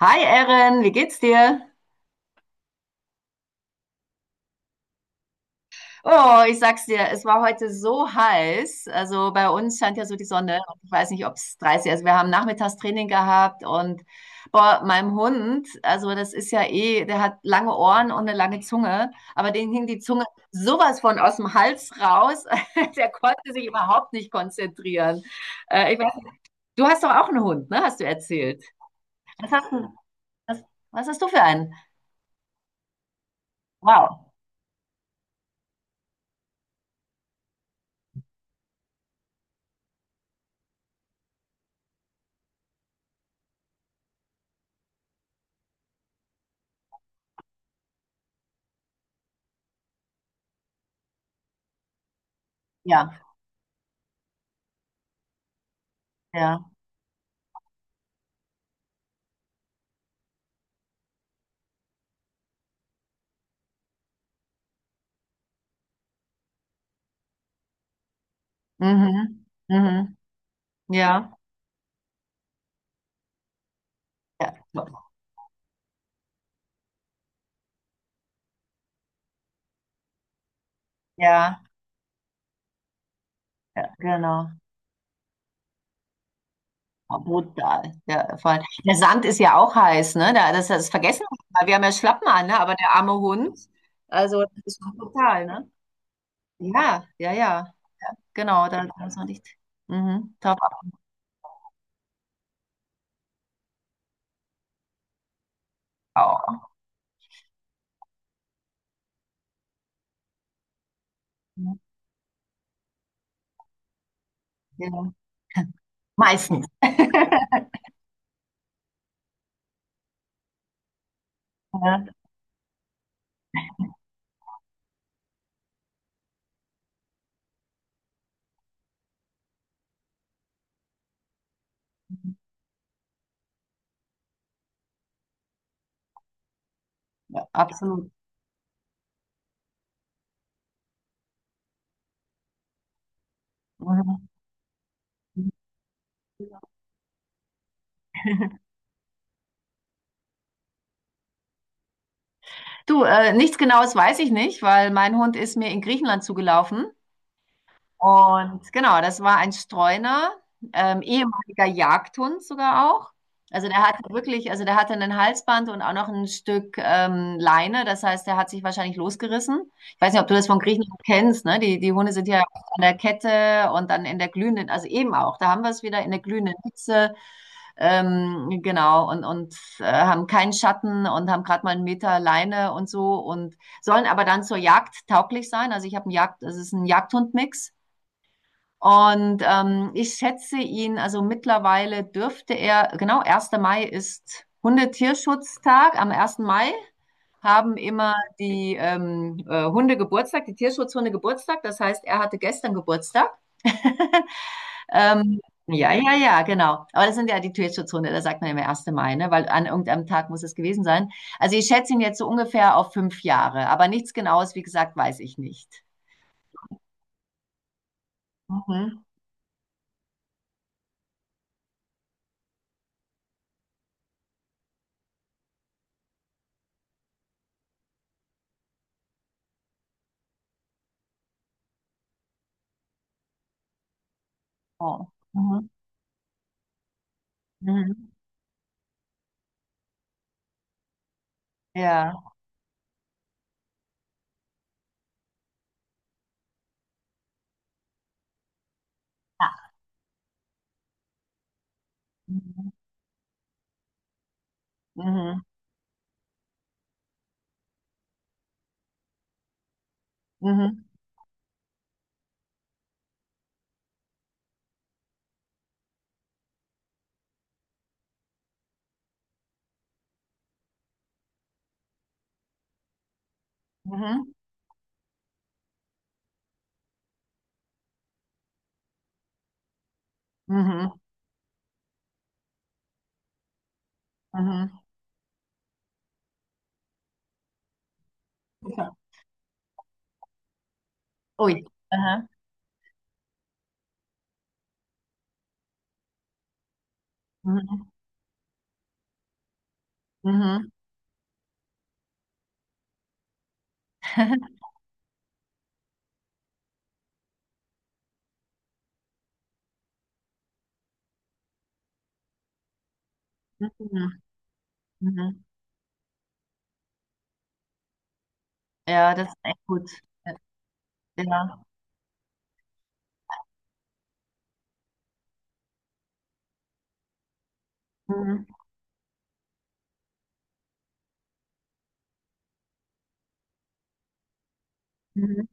Hi Erin, wie geht's dir? Oh, ich sag's dir, es war heute so heiß. Also bei uns scheint ja so die Sonne. Und ich weiß nicht, ob es 30 ist. Also wir haben Nachmittagstraining gehabt und boah, meinem Hund, also das ist ja eh, der hat lange Ohren und eine lange Zunge, aber dem hing die Zunge sowas von aus dem Hals raus. Der konnte sich überhaupt nicht konzentrieren. Ich weiß nicht, du hast doch auch einen Hund, ne? Hast du erzählt? Was hast du, was, was hast du für einen? Wow. Ja, ja. Mhm. Mhm. Ja, ja, ja, ja, genau. Oh, brutal. Ja, voll. Der Sand ist ja auch heiß, ne? Da, das vergessen wir mal. Wir haben ja Schlappen an, ne? Aber der arme Hund, also das ist schon brutal, ne? Ja, ja, ja. Ja, genau, da muss man nicht. Mhm, top auch. Mhm, ja, meistens. Ja, ja, absolut. Mhm. Du, nichts Genaues weiß ich nicht, weil mein Hund ist mir in Griechenland zugelaufen. Und genau, das war ein Streuner, ehemaliger Jagdhund sogar auch. Also der hatte wirklich, also der hatte ein Halsband und auch noch ein Stück Leine. Das heißt, der hat sich wahrscheinlich losgerissen. Ich weiß nicht, ob du das von Griechenland kennst, ne? Die Hunde sind ja an der Kette und dann in der glühenden, also eben auch, da haben wir es wieder in der glühenden Hitze, genau, und, haben keinen Schatten und haben gerade mal 1 Meter Leine und so und sollen aber dann zur Jagd tauglich sein. Also ich habe es ist ein Jagdhundmix. Und ich schätze ihn, also mittlerweile dürfte er, genau, 1. Mai ist Hundetierschutztag. Am 1. Mai haben immer die Hunde Geburtstag, die Tierschutzhunde Geburtstag. Das heißt, er hatte gestern Geburtstag. ähm, ja, ja, ja, genau. Aber das sind ja die Tierschutzhunde, da sagt man immer 1. Mai, ne? Weil an irgendeinem Tag muss es gewesen sein. Also ich schätze ihn jetzt so ungefähr auf 5 Jahre, aber nichts Genaues, wie gesagt, weiß ich nicht. Mhm. Oh. Mhm. Mhm. Ja. Ja. Mhm. Mhm. Mhm. Mhm. Mhm. Mhm. Ja. Ui. Aha. Mhm. Mhm. Mhm. Mhm. Ja, das ist echt gut. Ja. Mhm. Mhm.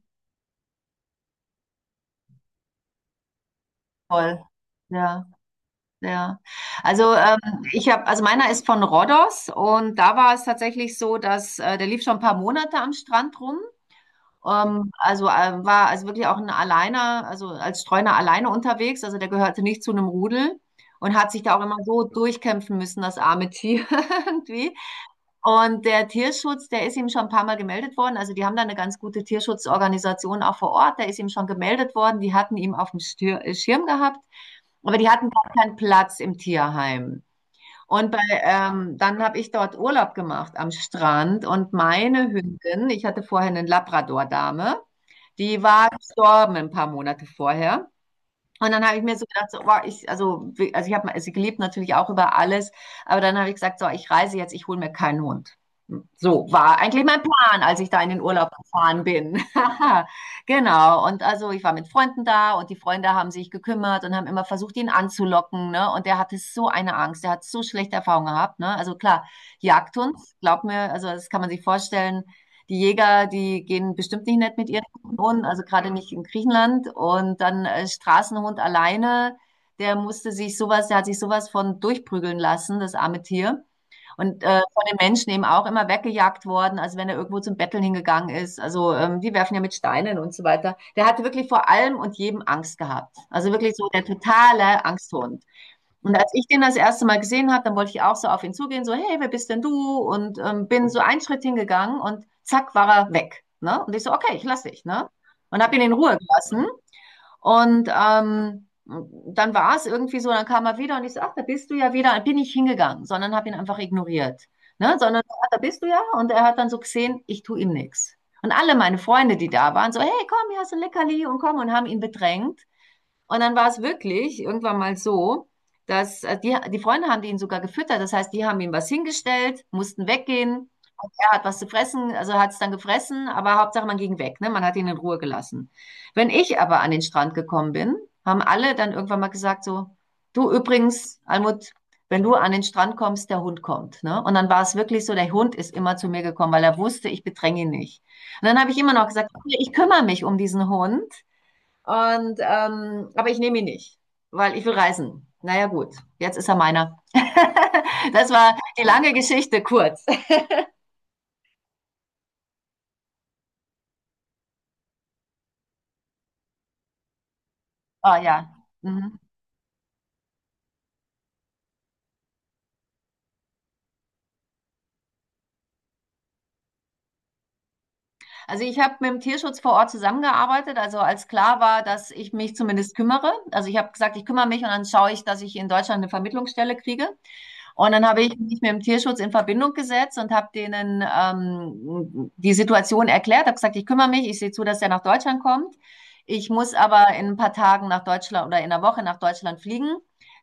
Toll. Ja, ja. Also ich habe, also meiner ist von Rhodos und da war es tatsächlich so, dass der lief schon ein paar Monate am Strand rum. Ähm, also äh, war also wirklich auch ein Alleiner, also als Streuner alleine unterwegs. Also der gehörte nicht zu einem Rudel und hat sich da auch immer so durchkämpfen müssen, das arme Tier irgendwie. Und der Tierschutz, der ist ihm schon ein paar Mal gemeldet worden. Also die haben da eine ganz gute Tierschutzorganisation auch vor Ort. Der ist ihm schon gemeldet worden. Die hatten ihn auf dem Stir Schirm gehabt, aber die hatten gar keinen Platz im Tierheim. Dann habe ich dort Urlaub gemacht am Strand und meine Hündin, ich hatte vorher eine Labrador-Dame, die war gestorben ein paar Monate vorher. Und dann habe ich mir so gedacht, so, boah, also ich habe sie gelebt natürlich auch über alles, aber dann habe ich gesagt, so, ich reise jetzt, ich hole mir keinen Hund. So war eigentlich mein Plan, als ich da in den Urlaub gefahren bin. Genau. Und also ich war mit Freunden da und die Freunde haben sich gekümmert und haben immer versucht, ihn anzulocken, ne? Und der hatte so eine Angst, der hat so schlechte Erfahrungen gehabt, ne? Also klar, Jagdhund, glaub mir, also das kann man sich vorstellen, die Jäger, die gehen bestimmt nicht nett mit ihren Wohnen, also gerade nicht in Griechenland. Und dann Straßenhund alleine, der musste sich sowas, der hat sich sowas von durchprügeln lassen, das arme Tier. Und von den Menschen eben auch immer weggejagt worden, also wenn er irgendwo zum Betteln hingegangen ist. Also die werfen ja mit Steinen und so weiter. Der hatte wirklich vor allem und jedem Angst gehabt. Also wirklich so der totale Angsthund. Und als ich den das erste Mal gesehen habe, dann wollte ich auch so auf ihn zugehen, so, hey, wer bist denn du? Und bin so einen Schritt hingegangen und zack, war er weg. Ne? Und ich so, okay, ich lasse dich. Ne? Und habe ihn in Ruhe gelassen. Und dann war es irgendwie so, dann kam er wieder und ich so, ach, da bist du ja wieder. Dann bin ich hingegangen, sondern habe ihn einfach ignoriert. Ne? Sondern, ach, da bist du ja. Und er hat dann so gesehen, ich tue ihm nichts. Und alle meine Freunde, die da waren, so, hey, komm, hier hast du ein Leckerli und komm und haben ihn bedrängt. Und dann war es wirklich irgendwann mal so, dass die, Freunde haben ihn sogar gefüttert. Das heißt, die haben ihm was hingestellt, mussten weggehen. Und er hat was zu fressen, also hat es dann gefressen, aber Hauptsache man ging weg, ne? Man hat ihn in Ruhe gelassen. Wenn ich aber an den Strand gekommen bin, haben alle dann irgendwann mal gesagt so, du übrigens, Almut, wenn du an den Strand kommst, der Hund kommt, ne? Und dann war es wirklich so, der Hund ist immer zu mir gekommen, weil er wusste, ich bedränge ihn nicht. Und dann habe ich immer noch gesagt, okay, ich kümmere mich um diesen Hund. Und, aber ich nehme ihn nicht, weil ich will reisen. Naja, gut, jetzt ist er meiner. Das war die lange Geschichte, kurz. Oh ja. Mhm. Also ich habe mit dem Tierschutz vor Ort zusammengearbeitet, also als klar war, dass ich mich zumindest kümmere. Also ich habe gesagt, ich kümmere mich und dann schaue ich, dass ich in Deutschland eine Vermittlungsstelle kriege. Und dann habe ich mich mit dem Tierschutz in Verbindung gesetzt und habe denen die Situation erklärt, habe gesagt, ich kümmere mich, ich sehe zu, dass er nach Deutschland kommt. Ich muss aber in ein paar Tagen nach Deutschland oder in einer Woche nach Deutschland fliegen.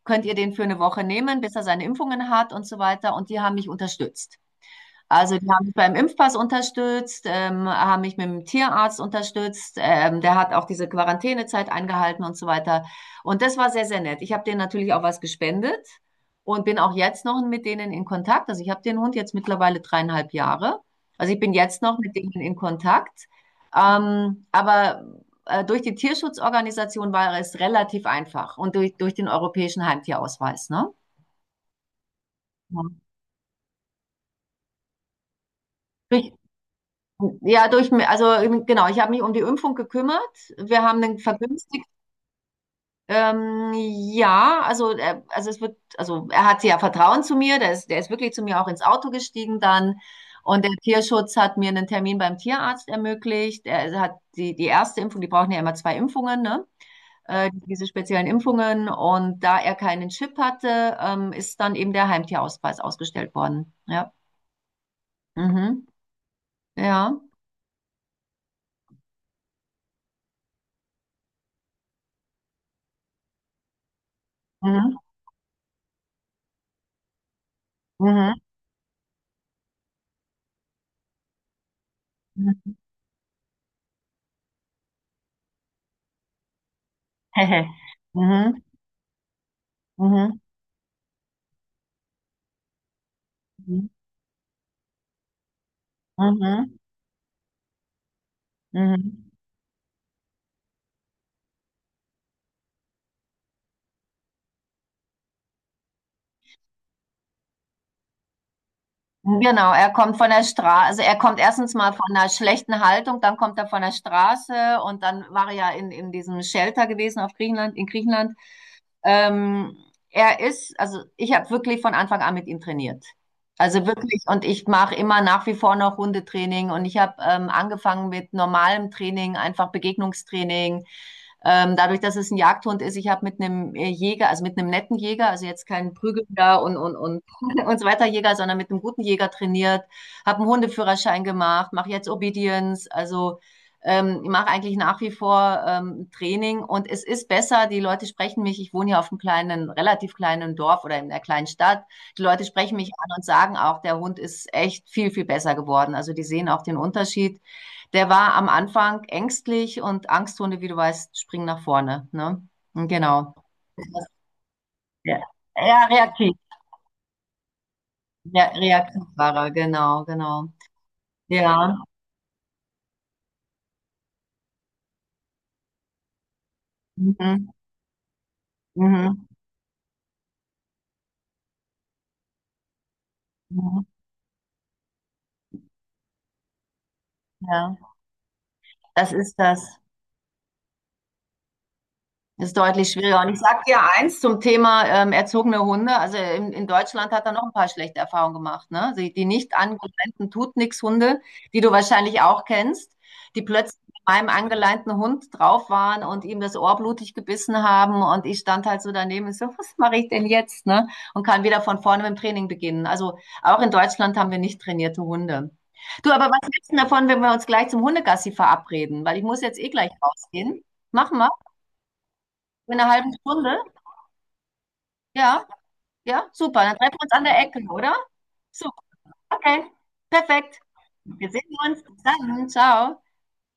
Könnt ihr den für eine Woche nehmen, bis er seine Impfungen hat und so weiter? Und die haben mich unterstützt. Also die haben mich beim Impfpass unterstützt, haben mich mit dem Tierarzt unterstützt. Der hat auch diese Quarantänezeit eingehalten und so weiter. Und das war sehr, sehr nett. Ich habe denen natürlich auch was gespendet und bin auch jetzt noch mit denen in Kontakt. Also ich habe den Hund jetzt mittlerweile 3,5 Jahre. Also ich bin jetzt noch mit denen in Kontakt. Ähm, aber Durch die Tierschutzorganisation war es relativ einfach und durch den europäischen Heimtierausweis, ne? Ja. Durch, Ja, durch, also genau, ich habe mich um die Impfung gekümmert. Wir haben den vergünstigt. Ähm, ja, also, er, also es wird, also er hat ja Vertrauen zu mir, der ist wirklich zu mir auch ins Auto gestiegen dann. Und der Tierschutz hat mir einen Termin beim Tierarzt ermöglicht. Er hat die, die erste Impfung, die brauchen ja immer zwei Impfungen, ne? Diese speziellen Impfungen. Und da er keinen Chip hatte, ist dann eben der Heimtierausweis ausgestellt worden. Ja. Mhm. Ja. Mhm. Mhm. Mhm. Mhm, mhm, mhm, mhm, mhm. Genau, er kommt von der Straße, also er kommt erstens mal von einer schlechten Haltung, dann kommt er von der Straße und dann war er ja in diesem Shelter gewesen auf Griechenland, in Griechenland. Ähm, Er ist, also ich habe wirklich von Anfang an mit ihm trainiert. Also wirklich, und ich mache immer nach wie vor noch Hundetraining und ich habe angefangen mit normalem Training, einfach Begegnungstraining. Dadurch, dass es ein Jagdhund ist, ich habe mit einem Jäger, also mit einem netten Jäger, also jetzt kein Prügelnder und, und so weiter Jäger, sondern mit einem guten Jäger trainiert, habe einen Hundeführerschein gemacht, mache jetzt Obedience, also ich mache eigentlich nach wie vor Training und es ist besser, die Leute sprechen mich, ich wohne hier auf einem kleinen, relativ kleinen Dorf oder in einer kleinen Stadt, die Leute sprechen mich an und sagen auch, der Hund ist echt viel, viel besser geworden. Also die sehen auch den Unterschied. Der war am Anfang ängstlich und Angsthunde, wie du weißt, springen nach vorne. Ne? Genau. Ja, ja reaktiv. Ja, reaktiv war er, genau, genau. Ja. Mhm. Mhm. Mhm. Ja. Das. Ist deutlich schwieriger. Und ich sage dir eins zum Thema erzogene Hunde. Also in Deutschland hat er noch ein paar schlechte Erfahrungen gemacht, ne? Die nicht angeleinten tut nix Hunde, die du wahrscheinlich auch kennst, die plötzlich mit meinem angeleinten Hund drauf waren und ihm das Ohr blutig gebissen haben und ich stand halt so daneben und so, was mache ich denn jetzt, ne? Und kann wieder von vorne mit dem Training beginnen. Also auch in Deutschland haben wir nicht trainierte Hunde. Du, aber was gibt's denn davon, wenn wir uns gleich zum Hundegassi verabreden? Weil ich muss jetzt eh gleich rausgehen. Machen wir. In einer halben Stunde? Ja, ja, super. Dann treffen wir uns an der Ecke, oder? Super. Okay, perfekt. Wir sehen uns. Bis dann. Ciao.